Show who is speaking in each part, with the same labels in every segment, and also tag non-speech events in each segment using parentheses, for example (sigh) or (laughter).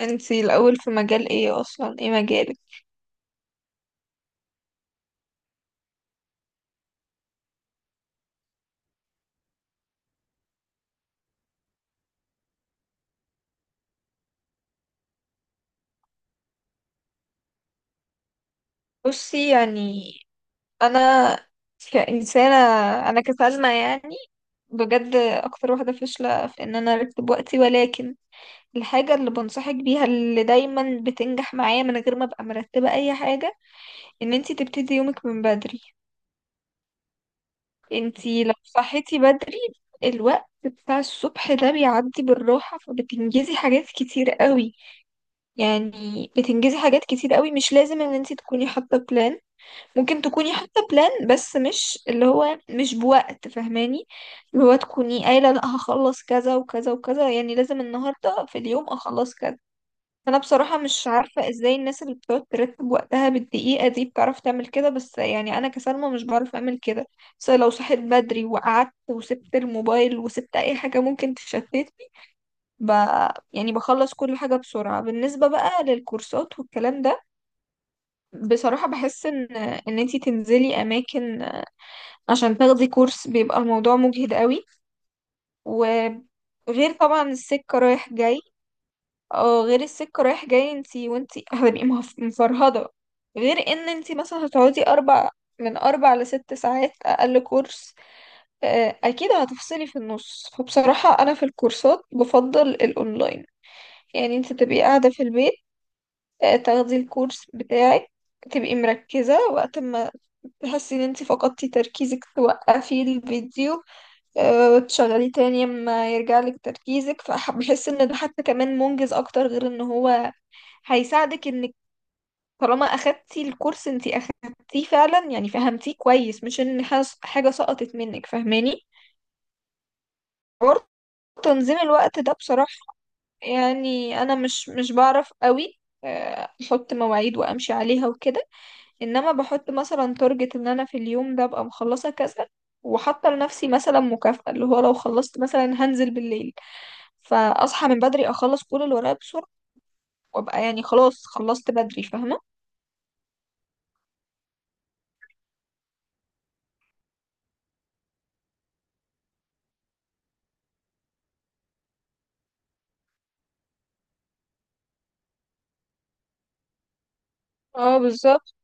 Speaker 1: انتي الاول في مجال ايه؟ اصلا ايه مجالك؟ بصي يعني انا كإنسانة، انا كسلمى يعني بجد اكتر واحدة فاشلة في ان انا ارتب وقتي، ولكن الحاجة اللي بنصحك بيها اللي دايما بتنجح معايا من غير ما ابقى مرتبة اي حاجة، ان انتي تبتدي يومك من بدري. انتي لو صحيتي بدري، الوقت بتاع الصبح ده بيعدي بالراحة فبتنجزي حاجات كتير قوي. يعني بتنجزي حاجات كتير قوي، مش لازم ان انتي تكوني حاطة بلان. ممكن تكوني حاطة بلان بس مش اللي هو مش بوقت، فاهماني؟ اللي هو تكوني قايلة لا، هخلص كذا وكذا وكذا، يعني لازم النهاردة في اليوم اخلص كذا. فانا بصراحة مش عارفة ازاي الناس اللي بتقعد ترتب وقتها بالدقيقة دي بتعرف تعمل كده، بس يعني انا كسلمى مش بعرف اعمل كده. بس لو صحيت بدري وقعدت وسبت الموبايل وسبت اي حاجة ممكن تشتتني، ب... يعني بخلص كل حاجة بسرعة. بالنسبة بقى للكورسات والكلام ده، بصراحة بحس ان انتي تنزلي اماكن عشان تاخدي كورس بيبقى الموضوع مجهد قوي، وغير طبعا السكة رايح جاي. اه، غير السكة رايح جاي انتي وانتي هتبقي مفرهدة، غير ان انتي مثلا هتقعدي اربع، من اربع لست ساعات اقل كورس. اكيد هتفصلي في النص. فبصراحة انا في الكورسات بفضل الاونلاين، يعني انتي تبقي قاعدة في البيت، تاخدي الكورس بتاعك، تبقي مركزة. وقت ما تحسي ان انتي فقدتي تركيزك توقفي الفيديو، تشغليه تاني اما يرجع لك تركيزك. فبحس ان ده حتى كمان منجز اكتر، غير ان هو هيساعدك انك، طالما اخدتي الكورس، انتي اخدتيه فعلا، يعني فهمتيه كويس، مش ان حاجة سقطت منك. فاهماني؟ حوار تنظيم الوقت ده بصراحة، يعني انا مش بعرف قوي احط مواعيد وامشي عليها وكده. انما بحط مثلا تارجت ان انا في اليوم ده ابقى مخلصة كذا، وحاطة لنفسي مثلا مكافأة اللي هو لو خلصت مثلا هنزل بالليل. فاصحى من بدري اخلص كل اللي ورايا بسرعه، وابقى يعني خلاص خلصت بدري، فاهمه؟ اه، بالظبط.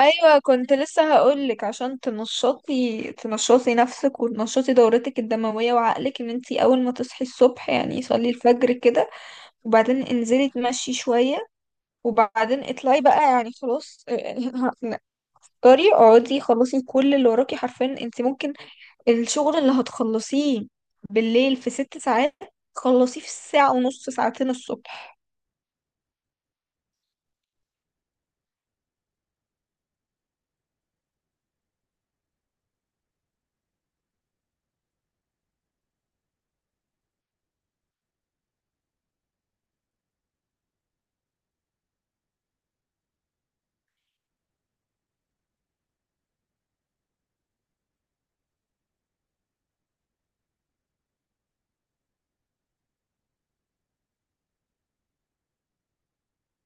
Speaker 1: ايوه، كنت لسه هقولك عشان تنشطي، تنشطي نفسك وتنشطي دورتك الدمويه وعقلك، ان انتي اول ما تصحي الصبح يعني صلي الفجر كده، وبعدين انزلي تمشي شويه، وبعدين اطلعي بقى يعني خلاص يعني (laughs) اقدري اقعدي خلصي كل اللي وراكي. حرفيا انتي ممكن الشغل اللي هتخلصيه بالليل في ست ساعات تخلصيه في الساعه ونص ساعتين الصبح.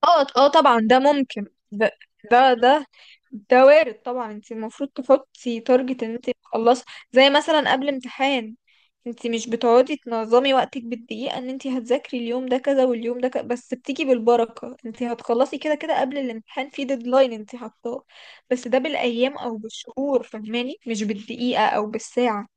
Speaker 1: اه اه، طبعا ده ممكن. ده ده ده, ده وارد طبعا. انت المفروض تحطي تارجت ان انت تخلصي، زي مثلا قبل امتحان، انت مش بتقعدي تنظمي وقتك بالدقيقة ان انت هتذاكري اليوم ده كذا واليوم ده كذا، بس بتيجي بالبركة، انت هتخلصي كده كده قبل الامتحان، في ديدلاين انت حاطاه، بس ده بالايام او بالشهور، فاهماني؟ مش بالدقيقة او بالساعة.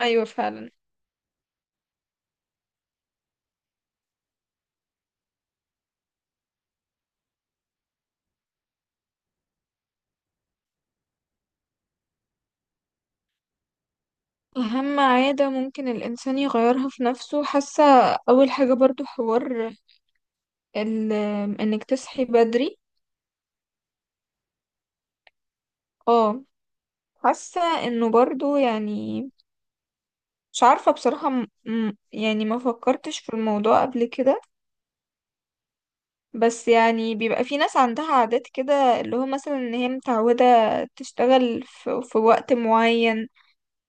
Speaker 1: ايوه فعلا. أهم عادة ممكن الإنسان يغيرها في نفسه، حاسة أول حاجة برضو حوار ال- انك تصحي بدري. اه، حاسة انه برضو يعني، مش عارفة بصراحة يعني ما فكرتش في الموضوع قبل كده، بس يعني بيبقى في ناس عندها عادات كده، اللي هو مثلا ان هي متعودة تشتغل في وقت معين،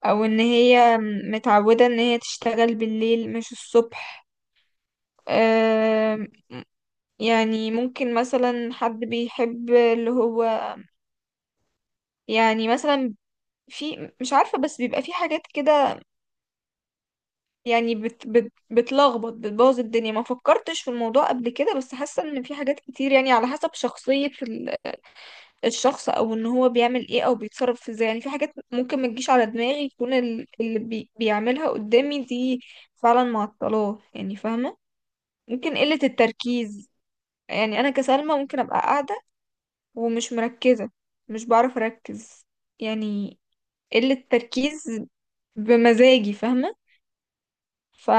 Speaker 1: او ان هي متعودة ان هي تشتغل بالليل مش الصبح. أم... يعني ممكن مثلا حد بيحب اللي هو، يعني مثلا في، مش عارفة، بس بيبقى في حاجات كده، يعني بت بت بتلخبط بتبوظ الدنيا. ما فكرتش في الموضوع قبل كده، بس حاسة ان في حاجات كتير يعني على حسب شخصية الشخص، او ان هو بيعمل ايه او بيتصرف ازاي، يعني في حاجات ممكن ما تجيش على دماغي يكون اللي بيعملها قدامي دي فعلا معطلاه، يعني فاهمة؟ ممكن قلة التركيز، يعني انا كسلمى ممكن ابقى قاعدة ومش مركزة، مش بعرف اركز. يعني قلة تركيز بمزاجي، فاهمة؟ ف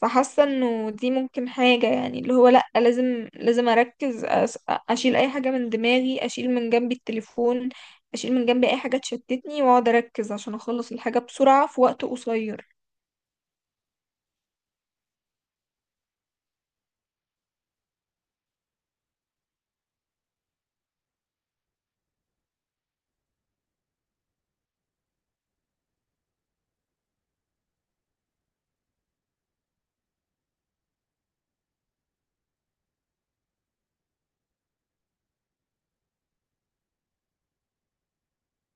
Speaker 1: فحاسه انه دي ممكن حاجه، يعني اللي هو لا، لازم اركز. اشيل اي حاجه من دماغي، اشيل من جنبي التليفون، اشيل من جنبي اي حاجه تشتتني، واقعد اركز عشان اخلص الحاجه بسرعه في وقت قصير.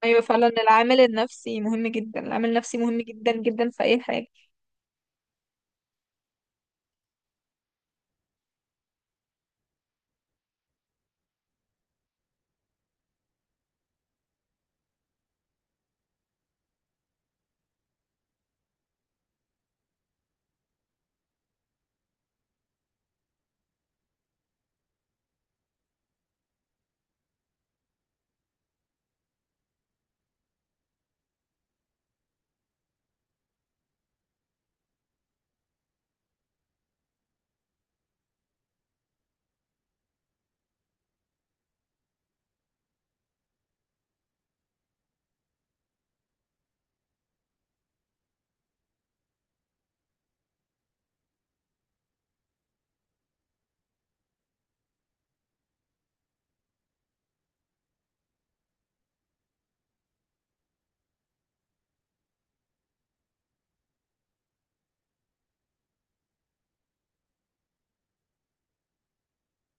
Speaker 1: ايوه فعلا، العامل النفسي مهم جدا. العامل النفسي مهم جدا جدا في اي حاجه.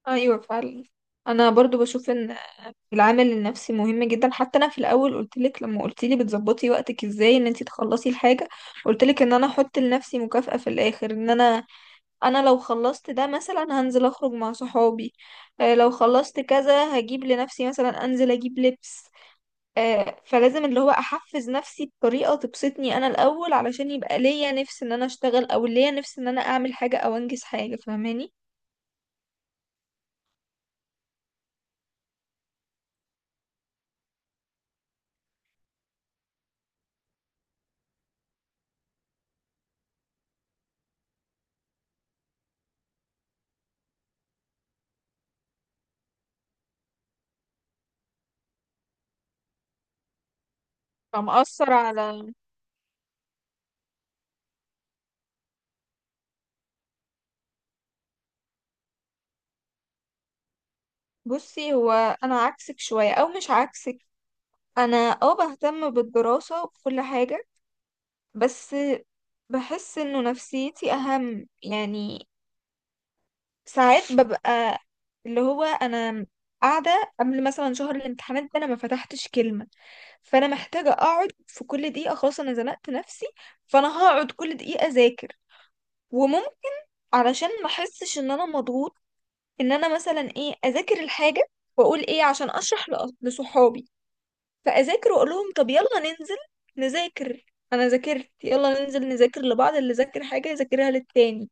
Speaker 1: ايوه فعلا، انا برضو بشوف ان العامل النفسي مهم جدا. حتى انا في الاول قلت لك لما قلت لي بتظبطي وقتك ازاي ان انت تخلصي الحاجه، قلت لك ان انا احط لنفسي مكافأة في الاخر، ان انا لو خلصت ده مثلا هنزل اخرج مع صحابي، لو خلصت كذا هجيب لنفسي مثلا، انزل اجيب لبس. فلازم اللي هو احفز نفسي بطريقة تبسطني انا الاول، علشان يبقى ليا نفس ان انا اشتغل، او ليا نفس ان انا اعمل حاجة او انجز حاجة، فاهماني؟ فمأثر على، بصي هو، انا عكسك شوية او مش عكسك. انا اه بهتم بالدراسة وكل حاجة، بس بحس انه نفسيتي اهم يعني. ساعات ببقى اللي هو انا قاعده قبل مثلا شهر الامتحانات ده انا ما فتحتش كلمه، فانا محتاجه اقعد في كل دقيقه، خلاص انا زنقت نفسي، فانا هقعد كل دقيقه اذاكر. وممكن علشان ما احسش ان انا مضغوط، ان انا مثلا ايه، اذاكر الحاجه واقول ايه عشان اشرح لصحابي، فاذاكر واقول لهم طب يلا ننزل نذاكر، انا ذاكرت يلا ننزل نذاكر لبعض، اللي ذاكر حاجه يذاكرها للتاني،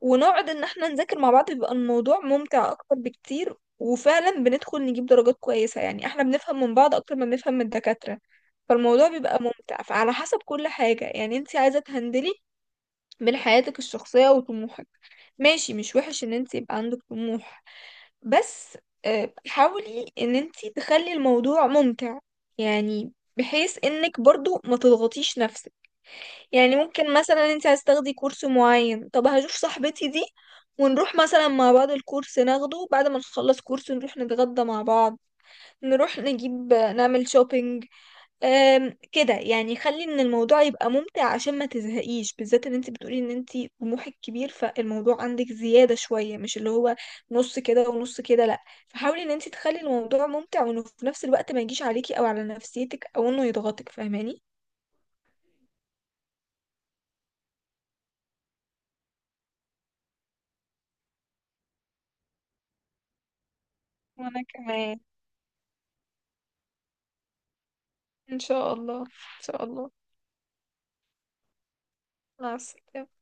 Speaker 1: ونقعد ان احنا نذاكر مع بعض. بيبقى الموضوع ممتع اكتر بكتير، وفعلا بندخل نجيب درجات كويسة، يعني احنا بنفهم من بعض اكتر ما بنفهم من الدكاترة. فالموضوع بيبقى ممتع. فعلى حسب كل حاجة يعني انت عايزة تهندلي من حياتك الشخصية وطموحك. ماشي، مش وحش ان انت يبقى عندك طموح، بس حاولي ان انت تخلي الموضوع ممتع، يعني بحيث انك برضو ما تضغطيش نفسك. يعني ممكن مثلا انت عايز تاخدي كورس معين، طب هشوف صاحبتي دي ونروح مثلا مع بعض الكورس ناخده، بعد ما نخلص كورس نروح نتغدى مع بعض، نروح نجيب نعمل شوبينج. أم كده يعني، خلي ان الموضوع يبقى ممتع عشان ما تزهقيش، بالذات ان انت بتقولي ان انت طموحك كبير، فالموضوع عندك زيادة شوية، مش اللي هو نص كده ونص كده، لا. فحاولي ان انت تخلي الموضوع ممتع، وانه في نفس الوقت ما يجيش عليكي او على نفسيتك، او انه يضغطك، فاهماني؟ وانا كمان، إن شاء الله، إن شاء الله. مع السلامة.